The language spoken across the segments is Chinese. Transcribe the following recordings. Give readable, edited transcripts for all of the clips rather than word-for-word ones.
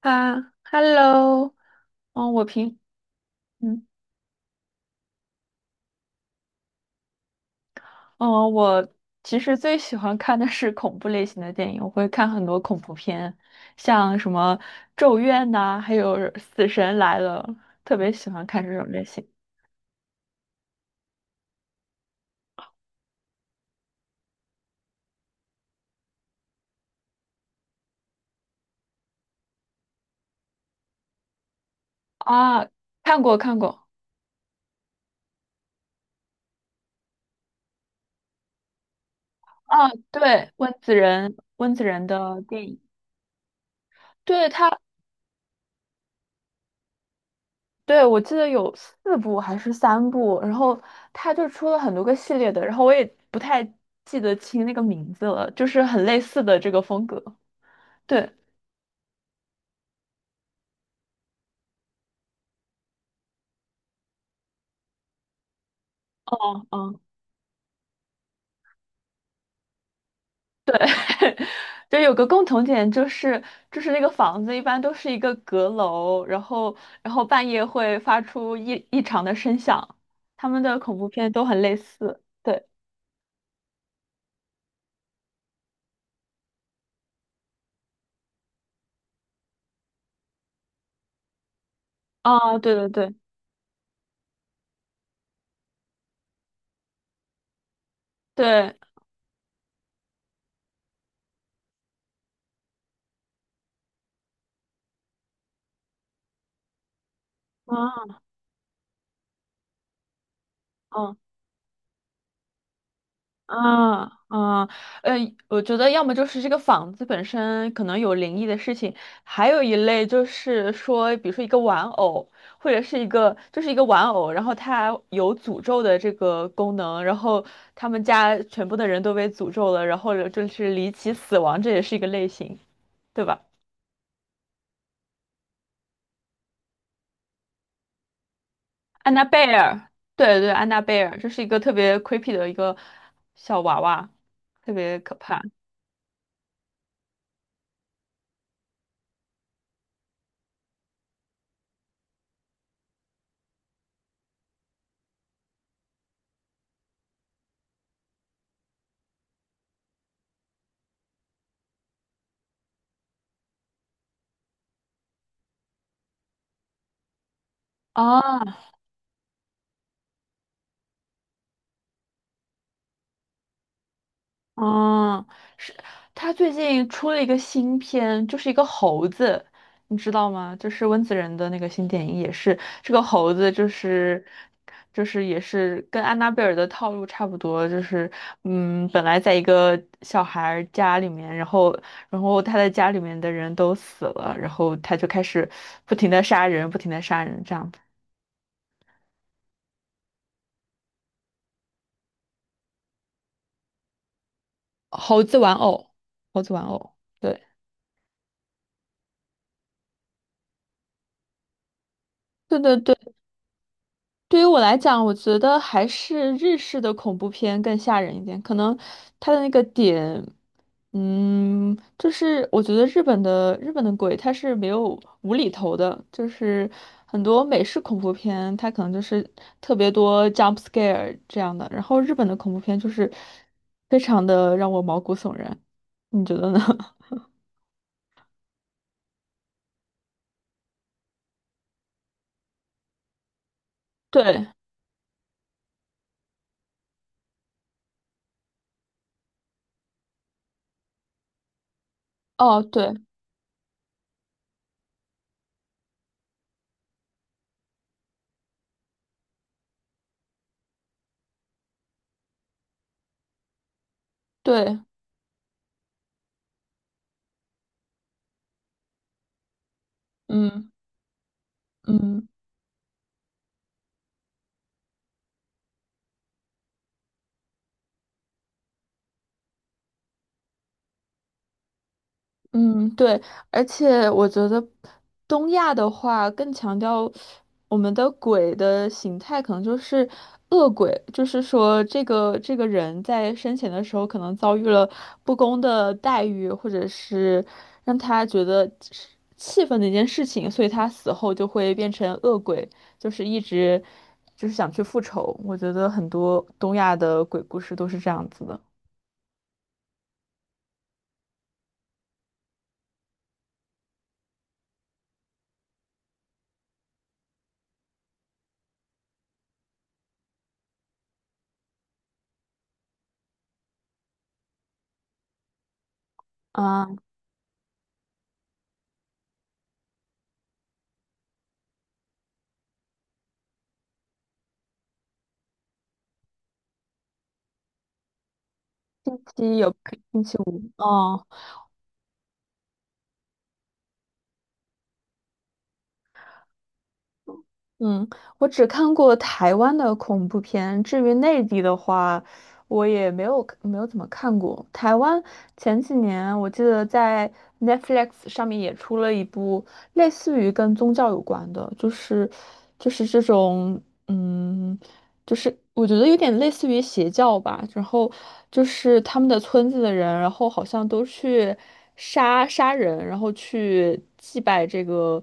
啊，Hello，嗯，我平，嗯，嗯，我其实最喜欢看的是恐怖类型的电影，我会看很多恐怖片，像什么《咒怨》呐，还有《死神来了》，特别喜欢看这种类型。啊，看过看过。啊，对，温子仁，温子仁的电影。对。他。对，我记得有四部还是三部，然后它就出了很多个系列的，然后我也不太记得清那个名字了，就是很类似的这个风格。对。哦哦，就有个共同点，就是那个房子一般都是一个阁楼，然后半夜会发出异常的声响，他们的恐怖片都很类似。对，啊，对对对，对。啊嗯。啊啊，呃，我觉得要么就是这个房子本身可能有灵异的事情，还有一类就是说，比如说一个玩偶，或者是一个玩偶，然后它有诅咒的这个功能，然后他们家全部的人都被诅咒了，然后就是离奇死亡，这也是一个类型，对吧？安娜贝尔，对对，安娜贝尔，这是一个特别 creepy 的一个小娃娃，特别可怕。啊。嗯，是他最近出了一个新片，就是一个猴子，你知道吗？就是温子仁的那个新电影，也是这个猴子，就是也是跟安娜贝尔的套路差不多，就是嗯，本来在一个小孩儿家里面，然后他的家里面的人都死了，然后他就开始不停的杀人，不停的杀人，这样子。猴子玩偶，猴子玩偶。对对对对。对于我来讲，我觉得还是日式的恐怖片更吓人一点。可能它的那个点，嗯，就是我觉得日本的鬼它是没有无厘头的，就是很多美式恐怖片它可能就是特别多 jump scare 这样的，然后日本的恐怖片就是非常的让我毛骨悚然。你觉得呢？对，哦，对对，嗯嗯。嗯，对，而且我觉得东亚的话更强调我们的鬼的形态，可能就是恶鬼，就是说这个人在生前的时候可能遭遇了不公的待遇，或者是让他觉得是气愤的一件事情，所以他死后就会变成恶鬼，就是一直就是想去复仇。我觉得很多东亚的鬼故事都是这样子的。啊。星期有星期五，嗯嗯，我只看过台湾的恐怖片，至于内地的话，我也没有怎么看过。台湾前几年我记得在 Netflix 上面也出了一部类似于跟宗教有关的，就是就是这种。嗯。就是我觉得有点类似于邪教吧，然后就是他们的村子的人，然后好像都去杀人，然后去祭拜这个，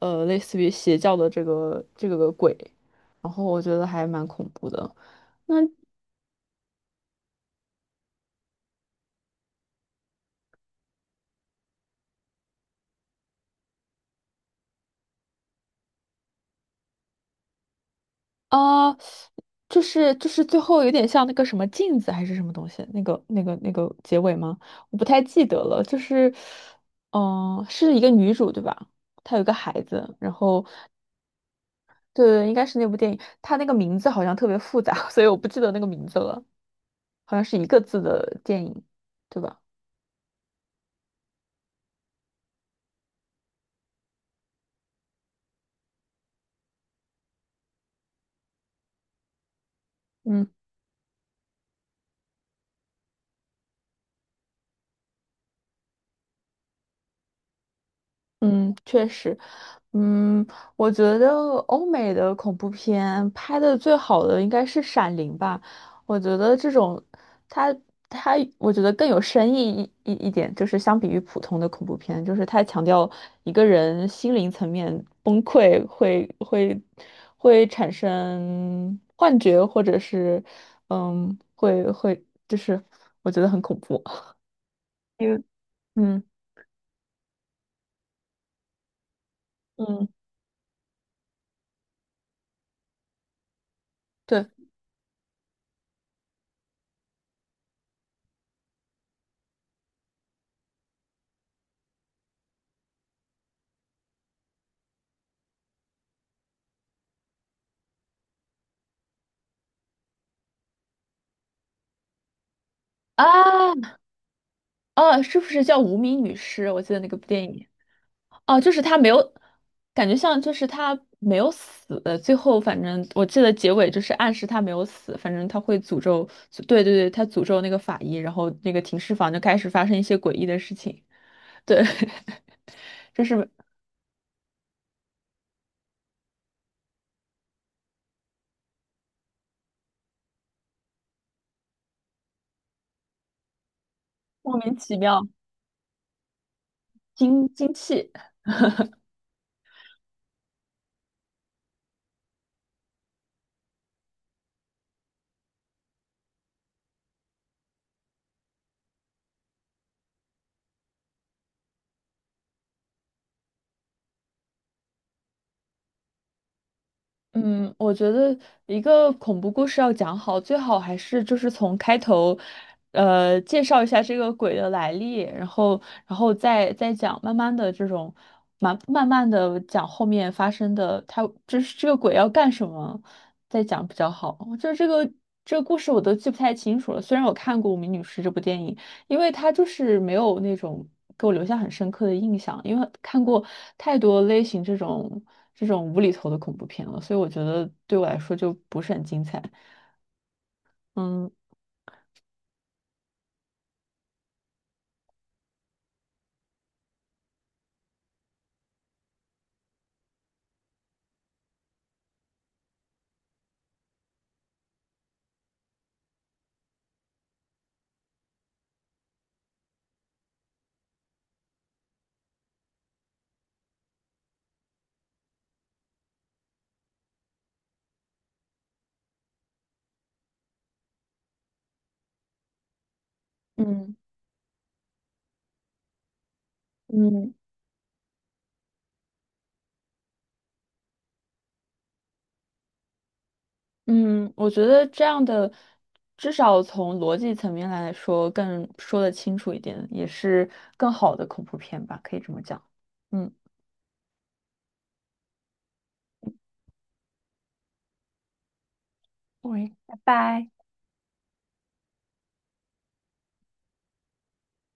呃，类似于邪教的这个鬼，然后我觉得还蛮恐怖的。那啊、呃就是就是最后有点像那个什么镜子还是什么东西，那个结尾吗？我不太记得了，就是是一个女主对吧？她有一个孩子，然后。对，对，应该是那部电影，它那个名字好像特别复杂，所以我不记得那个名字了，好像是一个字的电影，对吧？嗯，嗯，确实。嗯，我觉得欧美的恐怖片拍的最好的应该是《闪灵》吧。我觉得这种，它它，我觉得更有深意一点，就是相比于普通的恐怖片，就是它强调一个人心灵层面崩溃会产生幻觉，或者是嗯，会就是我觉得很恐怖。因为嗯嗯，对啊。哦，是不是叫《无名女尸》？我记得那个部电影。哦，就是她没有，感觉像就是她没有死，最后反正我记得结尾就是暗示她没有死，反正她会诅咒。对对对，她诅咒那个法医，然后那个停尸房就开始发生一些诡异的事情。对，就是莫名其妙，惊气，嗯，我觉得一个恐怖故事要讲好，最好还是就是从开头，呃，介绍一下这个鬼的来历，然后，然后再讲，慢慢的这种，慢慢的讲后面发生的，他这是这个鬼要干什么，再讲比较好。就是这个故事我都记不太清楚了，虽然我看过《无名女尸》这部电影，因为它就是没有那种给我留下很深刻的印象，因为看过太多类型这种无厘头的恐怖片了，所以我觉得对我来说就不是很精彩。嗯嗯嗯嗯，我觉得这样的至少从逻辑层面来说更说得清楚一点，也是更好的恐怖片吧，可以这么讲。嗯，喂，拜拜。